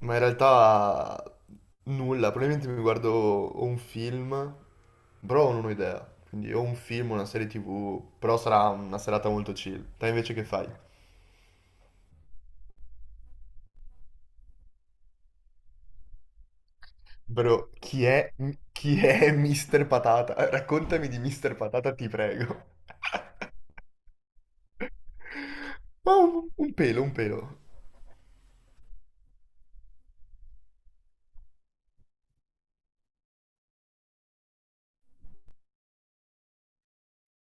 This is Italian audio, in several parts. Ma in realtà nulla, probabilmente mi guardo o un film, però non ho idea. Quindi o un film, una serie TV, però sarà una serata molto chill. Te invece che fai? Bro, chi è Mr. Patata? Raccontami di Mr. Patata, ti prego. Ma un pelo, un pelo.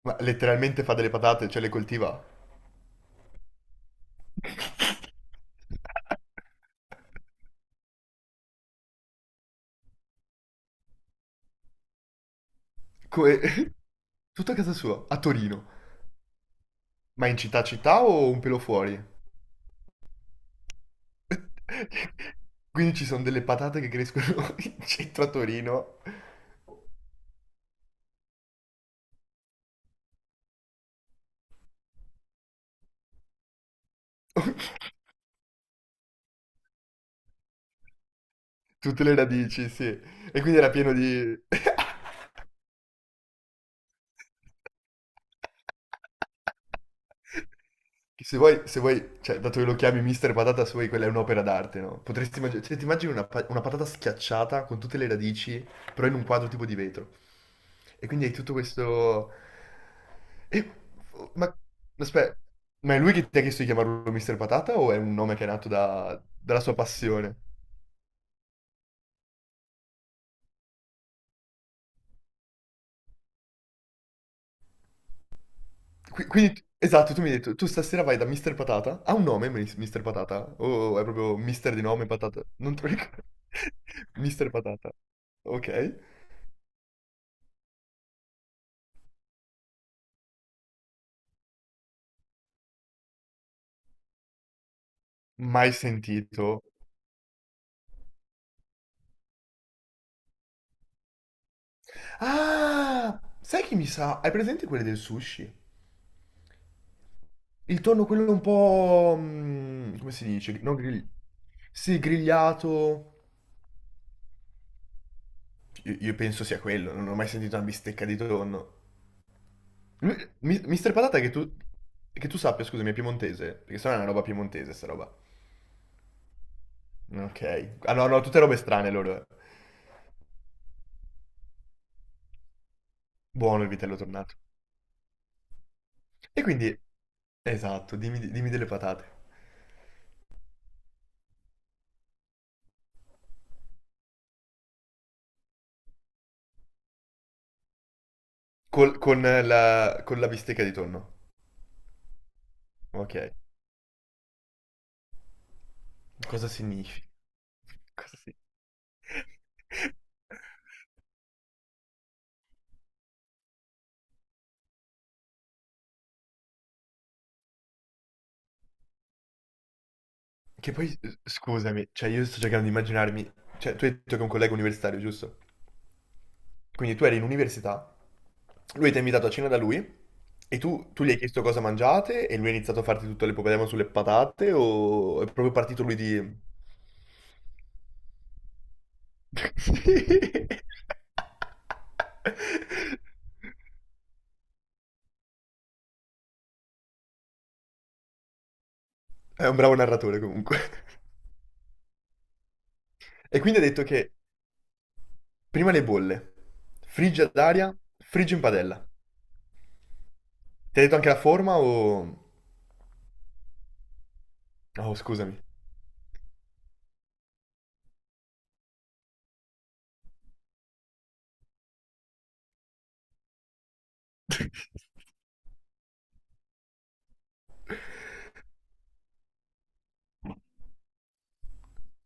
Ma letteralmente fa delle patate, cioè le coltiva. Come... Tutto a casa sua, a Torino. Ma in città città o un pelo fuori? Quindi ci sono delle patate che crescono in centro a Torino, tutte le radici, sì. E quindi era pieno di... Che Se vuoi, se vuoi, cioè, dato che lo chiami Mister Patata, se vuoi, quella è un'opera d'arte, no? Potresti immaginare, cioè, ti immagini una patata schiacciata con tutte le radici, però in un quadro tipo di vetro. E quindi hai tutto questo... E- Ma, aspetta, ma è lui che ti ha chiesto di chiamarlo Mister Patata o è un nome che è nato dalla sua passione? Quindi, esatto, tu mi hai detto, tu stasera vai da Mr. Patata? Ha un nome, Mr. Patata? O è proprio Mister di nome, patata? Non te lo ricordo. Mr. Patata. Ok. Mai sentito. Ah! Sai chi mi sa? Hai presente quelle del sushi? Il tonno quello un po'... come si dice? Non grill... Sì, grigliato. Io penso sia quello, non ho mai sentito una bistecca di tonno. Mr. Patata che tu... Che tu sappia, scusami, è piemontese, perché se no è una roba piemontese sta roba. Ok. Ah no, no, tutte robe strane loro. Buono il vitello tornato. E quindi, esatto, dimmi, dimmi delle patate. Con la bistecca di tonno. Ok. Cosa significa? Cosa significa? Che poi, scusami, cioè io sto cercando di immaginarmi... Cioè, tu hai detto che è un collega universitario, giusto? Quindi tu eri in università, lui ti ha invitato a cena da lui, e tu gli hai chiesto cosa mangiate, e lui ha iniziato a farti tutto l'epopedema sulle patate, o è proprio partito lui di... È un bravo narratore comunque. E quindi ha detto che prima le bolle, friggi ad aria, friggi in padella. Ti ha detto anche la forma o... Oh, scusami.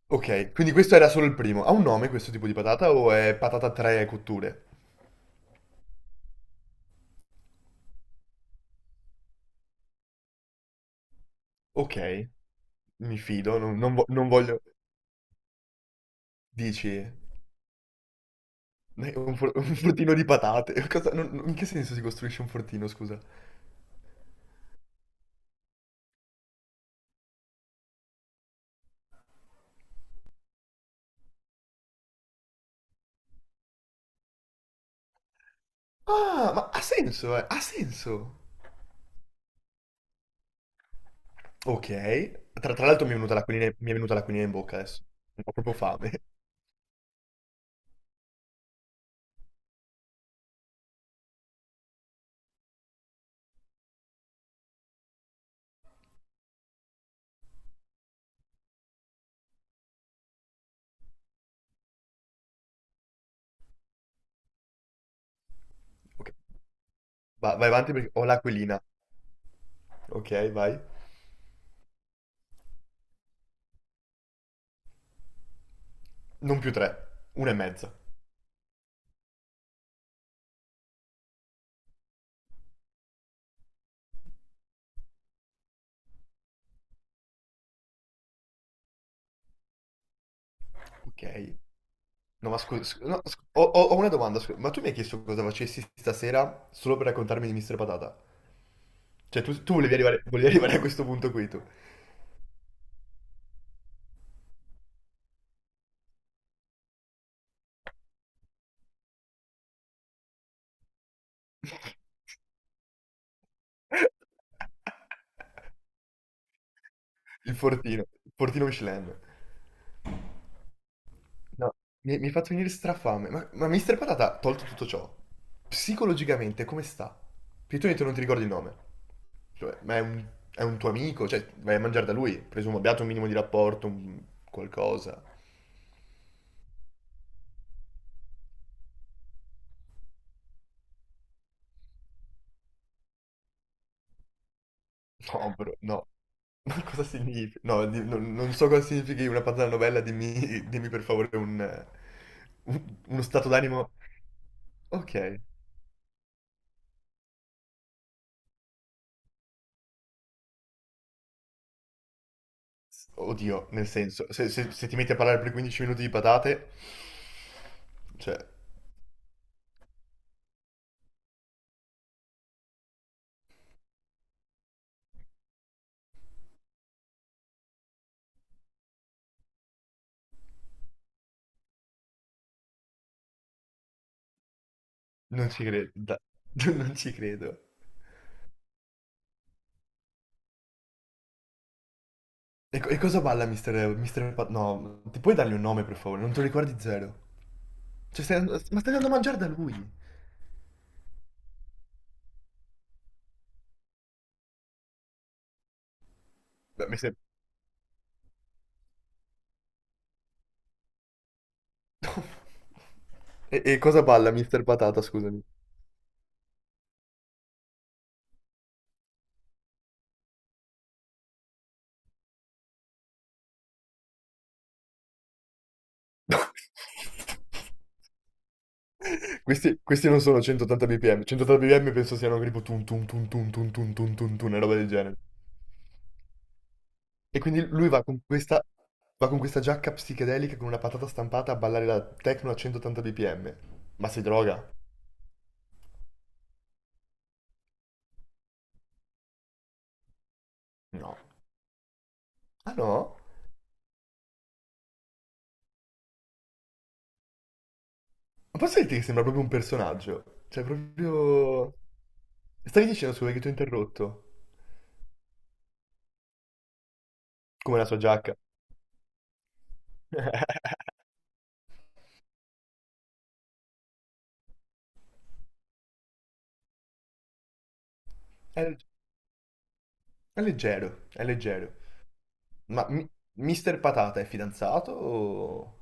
Ok, quindi questo era solo il primo. Ha un nome questo tipo di patata o è patata a tre cotture? Ok, mi fido, non voglio... Dici, un fortino di patate. In che senso si costruisce un fortino, scusa? Ah, ma ha senso, ha senso. Ok. Tra l'altro mi è venuta l'aquilina, mi è venuta l'aquilina in bocca adesso. Ho proprio fame. Ok. Vai avanti perché ho l'aquilina. Ok, vai. Non più tre. Una e mezza. Ok. No, ma scusa, no, ho una domanda, scusa. Ma tu mi hai chiesto cosa facessi stasera solo per raccontarmi di Mister Patata? Cioè, tu volevi arrivare a questo punto qui, tu. Il fortino. Il fortino Michelin. No, mi hai fatto venire strafame. Ma Mister Patata, tolto tutto ciò, psicologicamente come sta? Perché tu hai detto non ti ricordi il nome. Cioè, ma è un tuo amico, cioè, vai a mangiare da lui, presumo abbiate un minimo di rapporto, qualcosa. No, bro, no. Ma cosa significa? No, non so cosa significhi una patata novella, dimmi, dimmi per favore uno stato d'animo... Ok. Oddio, nel senso, se ti metti a parlare per 15 minuti di patate, cioè... Non ci credo. Non ci credo. E cosa balla Mister... No, ti puoi dargli un nome per favore? Non te lo ricordi zero. Cioè, stai andando a mangiare da lui. Beh, mi sem- E cosa balla Mister Patata, scusami? Questi non sono 180 bpm, 180 bpm penso siano tipo tum tum tum tum tum tum tum tum tum, una roba del genere. E quindi lui va con questa, giacca psichedelica con una patata stampata a ballare la techno a 180 bpm. Ma si droga? No. Ah no? Ma posso dirti che sembra proprio un personaggio? Cioè, proprio... Stavi dicendo, scusa, che ti ho interrotto. Come la sua giacca. È, è leggero, è leggero. Ma Mister Patata è fidanzato o...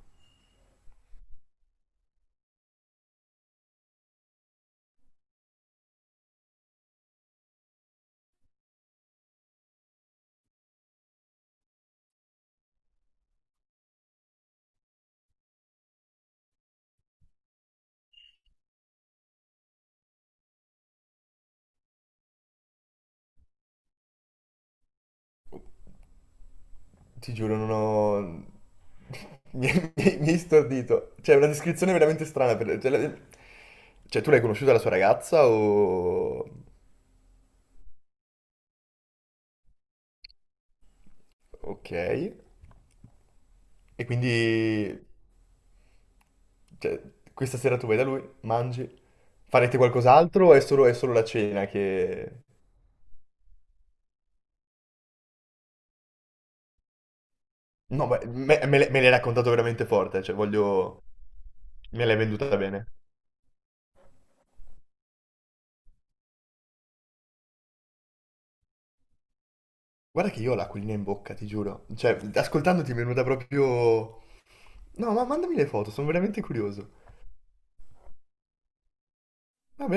Ti giuro, non ho... Mi, mi hai stordito. Cioè, è una descrizione veramente strana. Cioè, cioè, tu l'hai conosciuta la sua ragazza o... Ok. E quindi Cioè, questa sera tu vai da lui, mangi, farete qualcos'altro o è solo la cena che... No, ma me l'hai raccontato veramente forte, cioè voglio... me l'hai venduta bene. Guarda che io ho l'acquolina in bocca, ti giuro. Cioè, ascoltandoti mi è venuta proprio... No, ma mandami le foto, sono veramente curioso. Vabbè.